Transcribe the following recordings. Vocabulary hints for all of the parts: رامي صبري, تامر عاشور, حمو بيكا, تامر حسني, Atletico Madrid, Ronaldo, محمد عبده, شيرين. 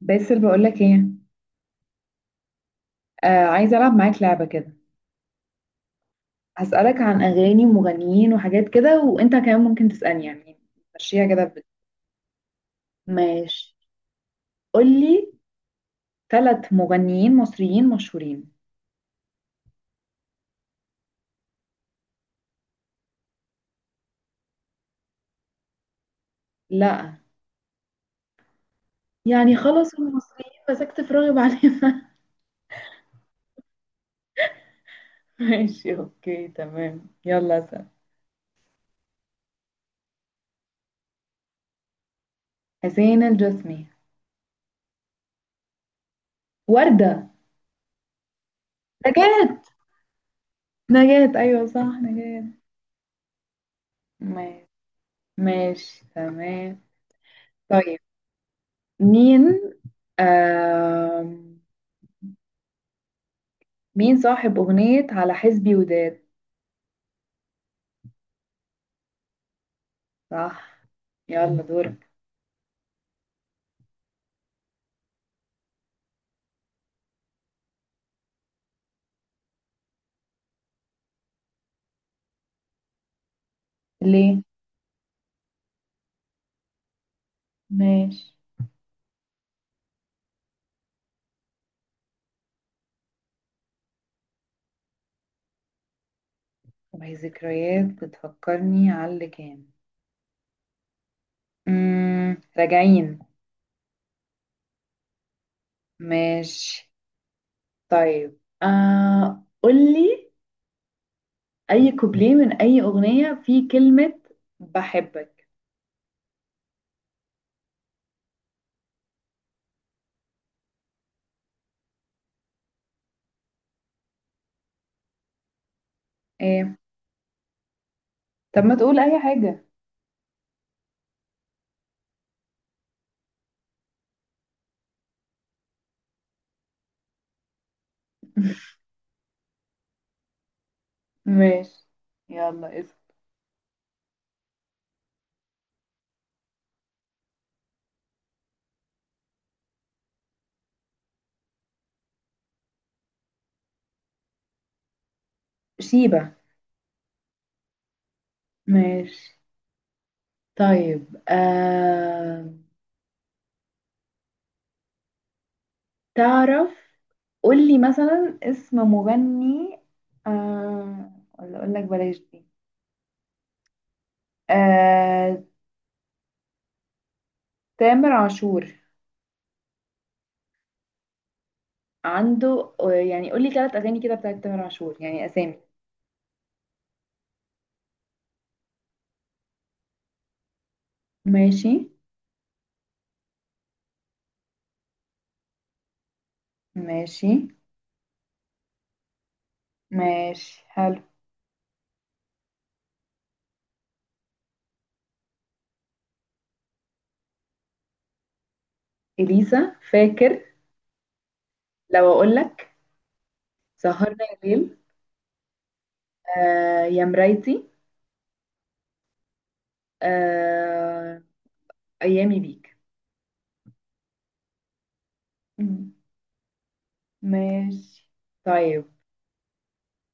باسل، بقولك ايه؟ آه، عايزة ألعب معاك لعبة كده. هسألك عن أغاني ومغنيين وحاجات كده، وأنت كمان ممكن تسألني يعني. مشيها كده ماشي. قولي ثلاث مغنيين مصريين مشهورين. لا، يعني خلاص هم مصريين، مسكت في راغب عليهم. ماشي اوكي تمام، يلا اسأل. حسين الجسمي. وردة. نجاة. نجاة، أيوة صح، نجاة. ماشي. ماشي تمام. طيب، مين؟ آه، مين صاحب أغنية على حسبي وداد؟ صح. يلا دورك. ليه؟ ماشي. وهي ذكريات بتفكرني على اللي كان. راجعين. ماشي. طيب، قولي أي كوبليه من أي أغنية فيه كلمة بحبك. ايه؟ طب ما تقول أي حاجة. ماشي. يلا اسم. شيبة. ماشي. طيب، تعرف، قولي مثلا اسم مغني. آه ولا اقول لك بلاش دي. آه، تامر عاشور. عنده، يعني قولي ثلاث اغاني كده بتاعت تامر عاشور، يعني اسامي. ماشي. ماشي. ماشي حلو. اليسا فاكر. لو اقول لك سهرنا الليل. آه، يا مرايتي. آه، ايامي بيك. مم. ماشي. طيب،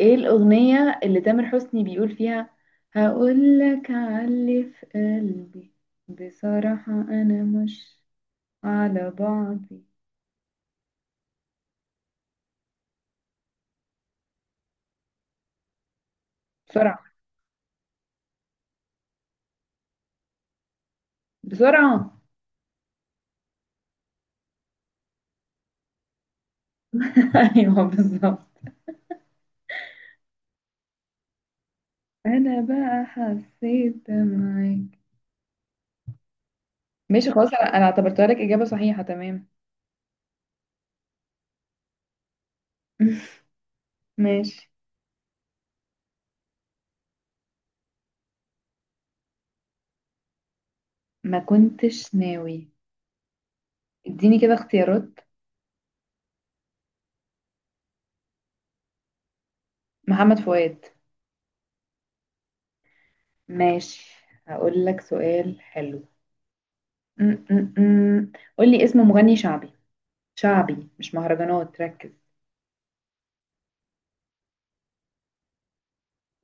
ايه الأغنية اللي تامر حسني بيقول فيها؟ هقول لك، علي في قلبي. بصراحة أنا مش على بعضي. بسرعة، بسرعة. أيوه بالظبط. أنا بقى حسيت معاك. ماشي خلاص، أنا اعتبرتها لك إجابة صحيحة تمام. ماشي. ما كنتش ناوي. اديني كده اختيارات. محمد فؤاد. ماشي. هقول لك سؤال حلو. م- م- م. قولي اسم مغني شعبي. شعبي مش مهرجانات، ركز.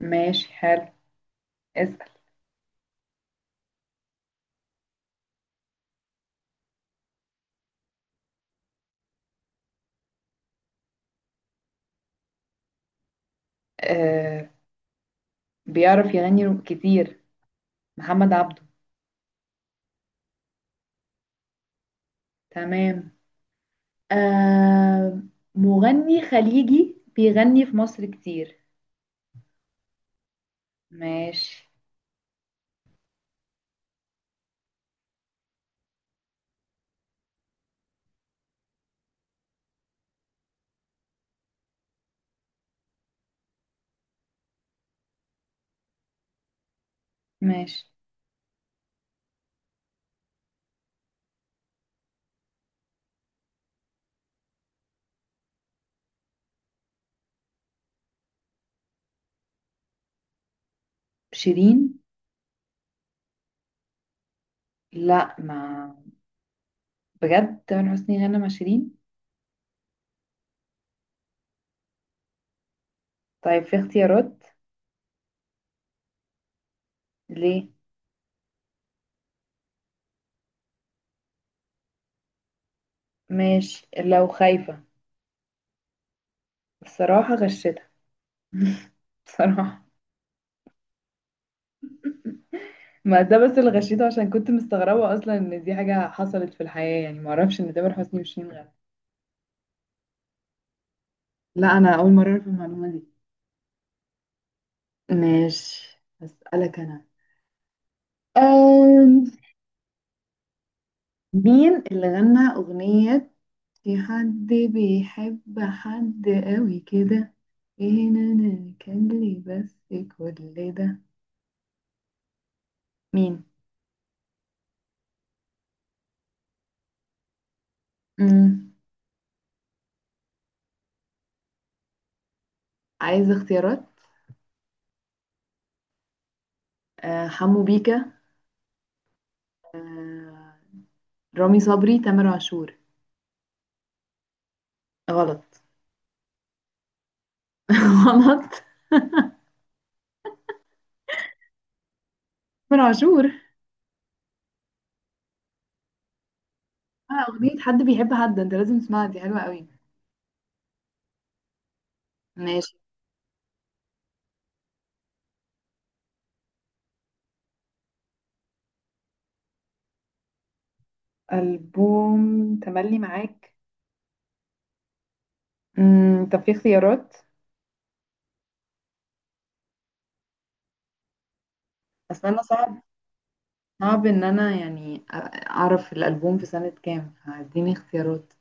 ماشي حلو. اسأل. آه، بيعرف يغني كتير. محمد عبده. تمام. آه، مغني خليجي بيغني في مصر كتير. ماشي. ماشي. شيرين. لا، ما بجد، تامر حسني غنى مع شيرين؟ طيب، في اختيارات؟ ليه؟ ماشي لو خايفة. الصراحة غشتها. بصراحة. ما ده بس اللي غشيته، عشان كنت مستغربة أصلا إن دي حاجة حصلت في الحياة يعني. معرفش إن تامر حسني وشيرين غنوا. لا، انا اول مره اعرف المعلومه دي. ماشي، هسألك انا. أم... مين اللي غنى اغنيه في حد بيحب حد قوي كده؟ فين انا كان لي بس كل ده؟ مين؟ مم. عايز اختيارات؟ أه، حمو بيكا. أه، رامي صبري، تامر عاشور. غلط. غلط. تامر عاشور. آه، أغنية حد بيحب حد، أنت لازم تسمعها، دي حلوة قوي. ماشي. ألبوم تملي معاك. امم، طب في اختيارات؟ بس أنا صعب، صعب إن أنا يعني أعرف الألبوم في سنة كام، فاديني اختيارات.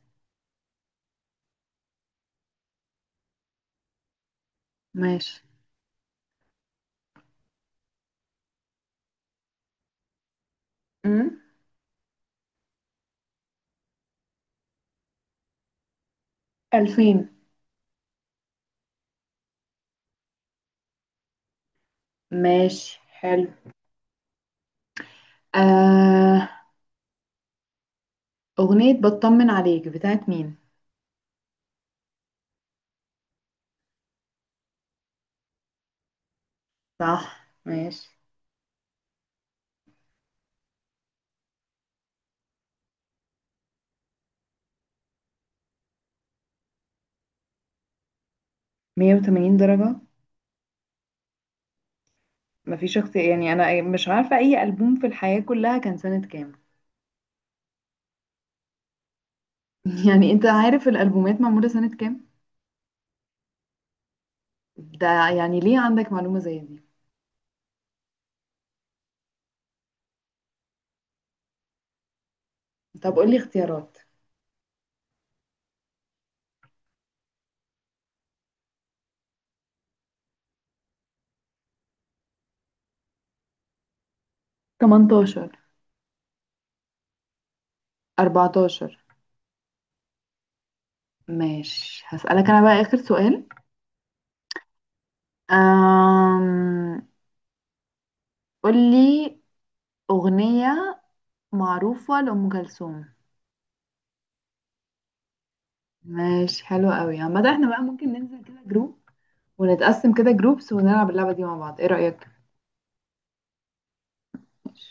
ماشي. امم. 2000. ماشي حلو. آه، أغنية بطمن عليك بتاعت مين؟ صح. ماشي. 180 درجة. مفيش اختيار يعني؟ أنا مش عارفة أي ألبوم في الحياة كلها كان سنة كام. يعني أنت عارف الألبومات معمولة سنة كام؟ ده يعني ليه عندك معلومة زي دي؟ طب قولي اختيارات. 18. 14. ماشي، هسألك أنا بقى آخر سؤال. أم... قولي أغنية معروفة لأم كلثوم. ماشي حلو قوي. عامة احنا بقى ممكن ننزل كده جروب ونتقسم كده جروبس ونلعب اللعبة دي مع بعض، ايه رأيك؟ ماشي.